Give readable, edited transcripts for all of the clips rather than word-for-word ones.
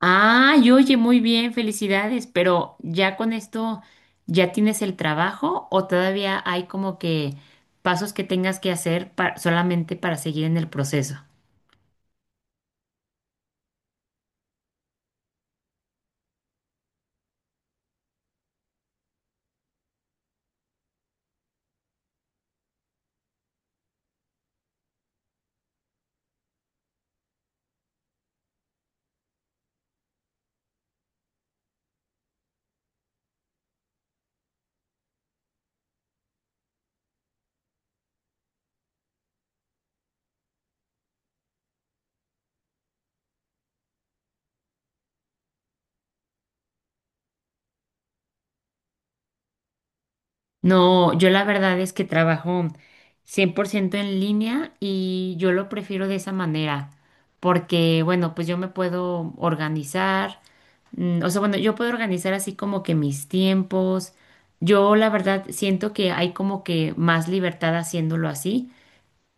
Ay, oye, muy bien, felicidades, pero ya con esto, ¿ya tienes el trabajo o todavía hay como que pasos que tengas que hacer solamente para seguir en el proceso? No, yo la verdad es que trabajo 100% en línea y yo lo prefiero de esa manera, porque bueno, pues yo me puedo organizar, bueno, yo puedo organizar así como que mis tiempos. Yo la verdad siento que hay como que más libertad haciéndolo así.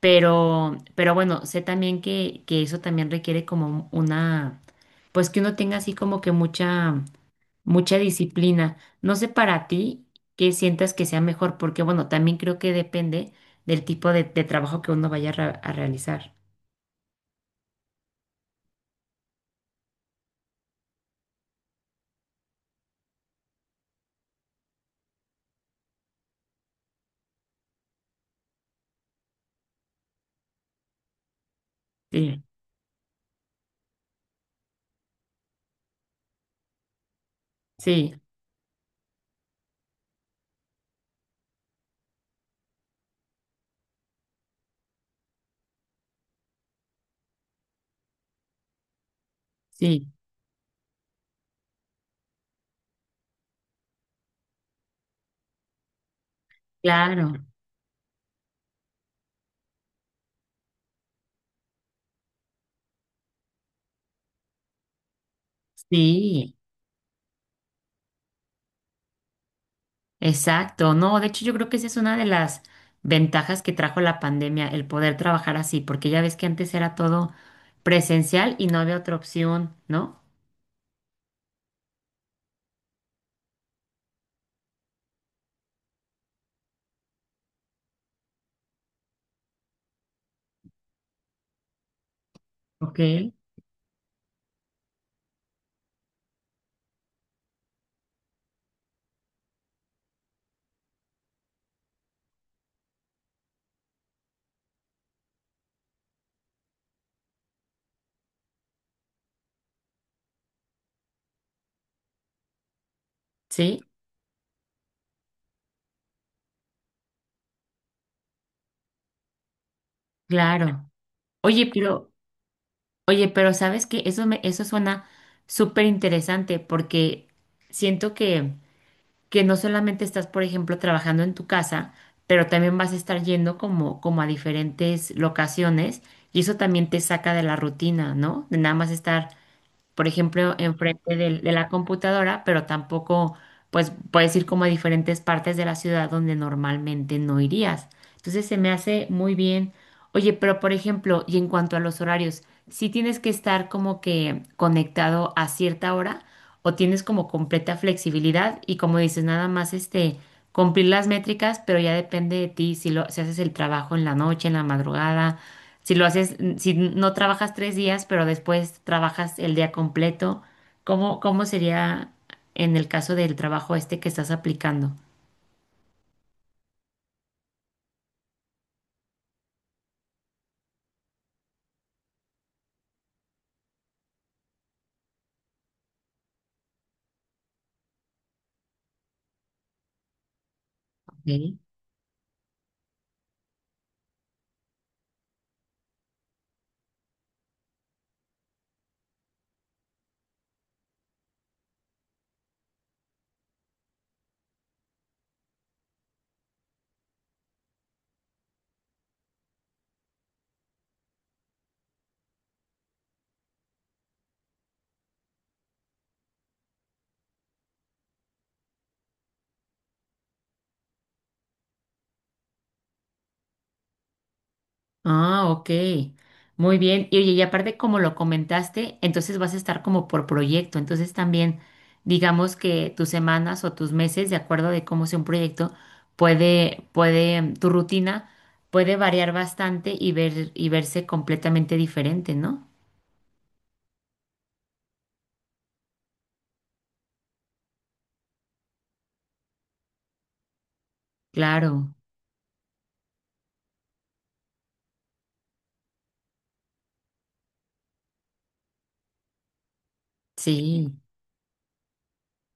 Pero bueno, sé también que eso también requiere como una, pues que uno tenga así como que mucha disciplina. No sé para ti qué sientas que sea mejor, porque bueno, también creo que depende del tipo de trabajo que uno vaya a, a realizar. Sí, sí, sí, claro, sí. Exacto, no, de hecho yo creo que esa es una de las ventajas que trajo la pandemia, el poder trabajar así, porque ya ves que antes era todo presencial y no había otra opción, ¿no? Ok, sí, claro. Oye, pero, oye, pero sabes que eso me, eso suena súper interesante porque siento que no solamente estás, por ejemplo, trabajando en tu casa, pero también vas a estar yendo como a diferentes locaciones y eso también te saca de la rutina, ¿no? De nada más estar, por ejemplo, enfrente de la computadora, pero tampoco, pues puedes ir como a diferentes partes de la ciudad donde normalmente no irías. Entonces se me hace muy bien. Oye, pero por ejemplo, y en cuanto a los horarios, si tienes que estar como que conectado a cierta hora o tienes como completa flexibilidad y como dices, nada más este, cumplir las métricas, pero ya depende de ti si lo, si haces el trabajo en la noche, en la madrugada, si lo haces, si no trabajas tres días, pero después trabajas el día completo, ¿cómo sería en el caso del trabajo este que estás aplicando? Ok. Ah, ok. Muy bien. Y oye, y aparte, como lo comentaste, entonces vas a estar como por proyecto. Entonces también, digamos que tus semanas o tus meses, de acuerdo de cómo sea un proyecto, tu rutina puede variar bastante y ver, y verse completamente diferente, ¿no? Claro, sí.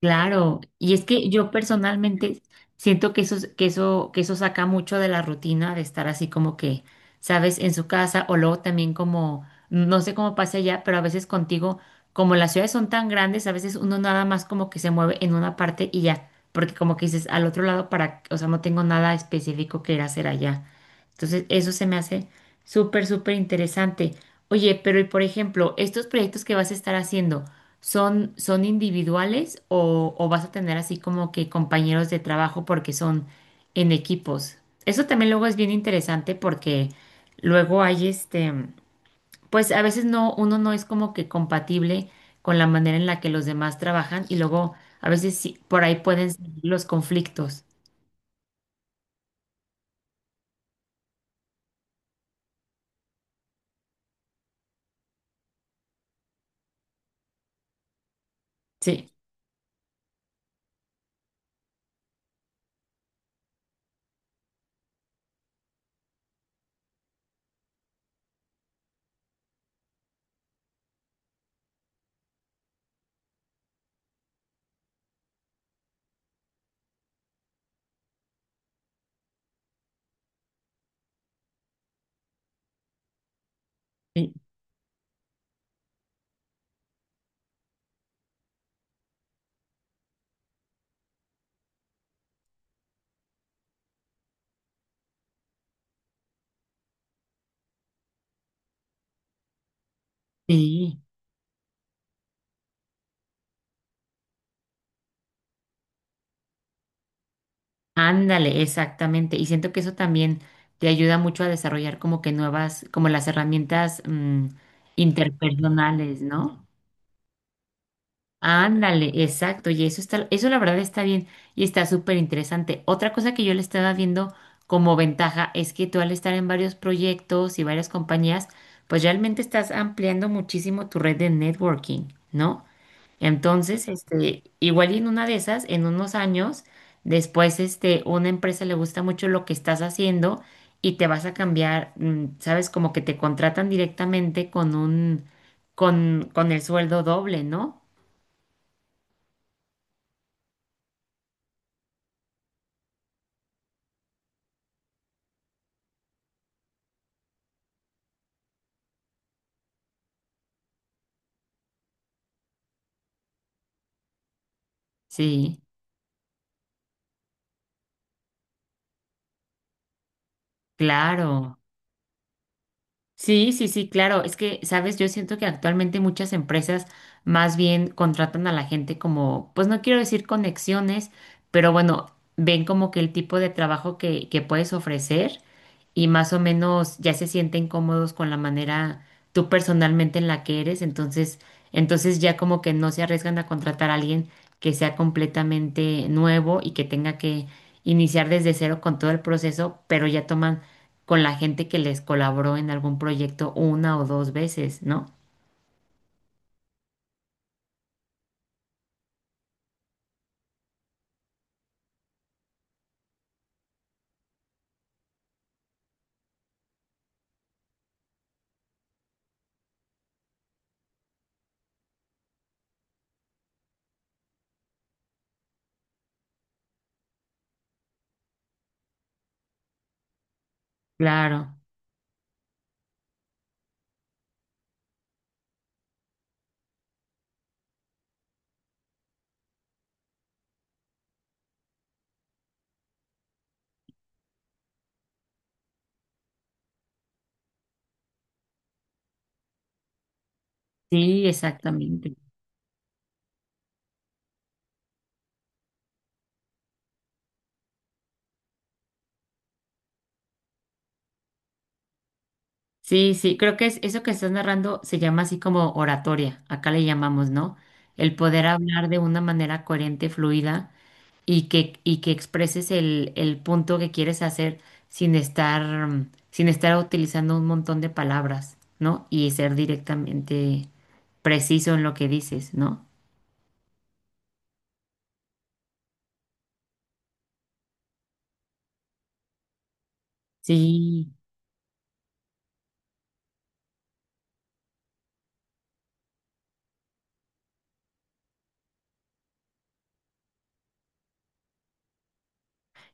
Claro, y es que yo personalmente siento que eso, que eso saca mucho de la rutina de estar así como que, sabes, en su casa o luego también como, no sé cómo pasa allá, pero a veces contigo, como las ciudades son tan grandes, a veces uno nada más como que se mueve en una parte y ya, porque como que dices al otro lado para, o sea, no tengo nada específico que ir a hacer allá. Entonces, eso se me hace súper interesante. Oye, pero y por ejemplo, estos proyectos que vas a estar haciendo. ¿Son individuales o vas a tener así como que compañeros de trabajo porque son en equipos? Eso también luego es bien interesante porque luego hay este, pues a veces no, uno no es como que compatible con la manera en la que los demás trabajan y luego a veces sí, por ahí pueden salir los conflictos. Sí, sí, sí. Ándale, exactamente. Y siento que eso también te ayuda mucho a desarrollar como que nuevas, como las herramientas, interpersonales, ¿no? Ándale, exacto. Y eso está, eso la verdad está bien y está súper interesante. Otra cosa que yo le estaba viendo como ventaja es que tú al estar en varios proyectos y varias compañías, pues realmente estás ampliando muchísimo tu red de networking, ¿no? Entonces, este, igual y en una de esas, en unos años, después, este, una empresa le gusta mucho lo que estás haciendo y te vas a cambiar, mm, sabes, como que te contratan directamente con el sueldo doble, ¿no? Sí, claro. Sí, sí, sí, claro. Es que, sabes, yo siento que actualmente muchas empresas más bien contratan a la gente como, pues no quiero decir conexiones, pero bueno, ven como que el tipo de trabajo que puedes ofrecer y más o menos ya se sienten cómodos con la manera tú personalmente en la que eres. Entonces ya como que no se arriesgan a contratar a alguien que sea completamente nuevo y que tenga que iniciar desde cero con todo el proceso, pero ya toman con la gente que les colaboró en algún proyecto una o dos veces, ¿no? Claro, sí, exactamente. Sí, sí, creo que es, eso que estás narrando se llama así como oratoria, acá le llamamos, ¿no? El poder hablar de una manera coherente, fluida y que expreses el punto que quieres hacer sin estar, sin estar utilizando un montón de palabras, ¿no? Y ser directamente preciso en lo que dices, ¿no? Sí.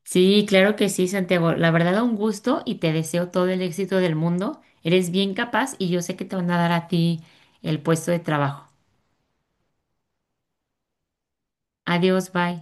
Sí, claro que sí, Santiago. La verdad, un gusto y te deseo todo el éxito del mundo. Eres bien capaz y yo sé que te van a dar a ti el puesto de trabajo. Adiós, bye.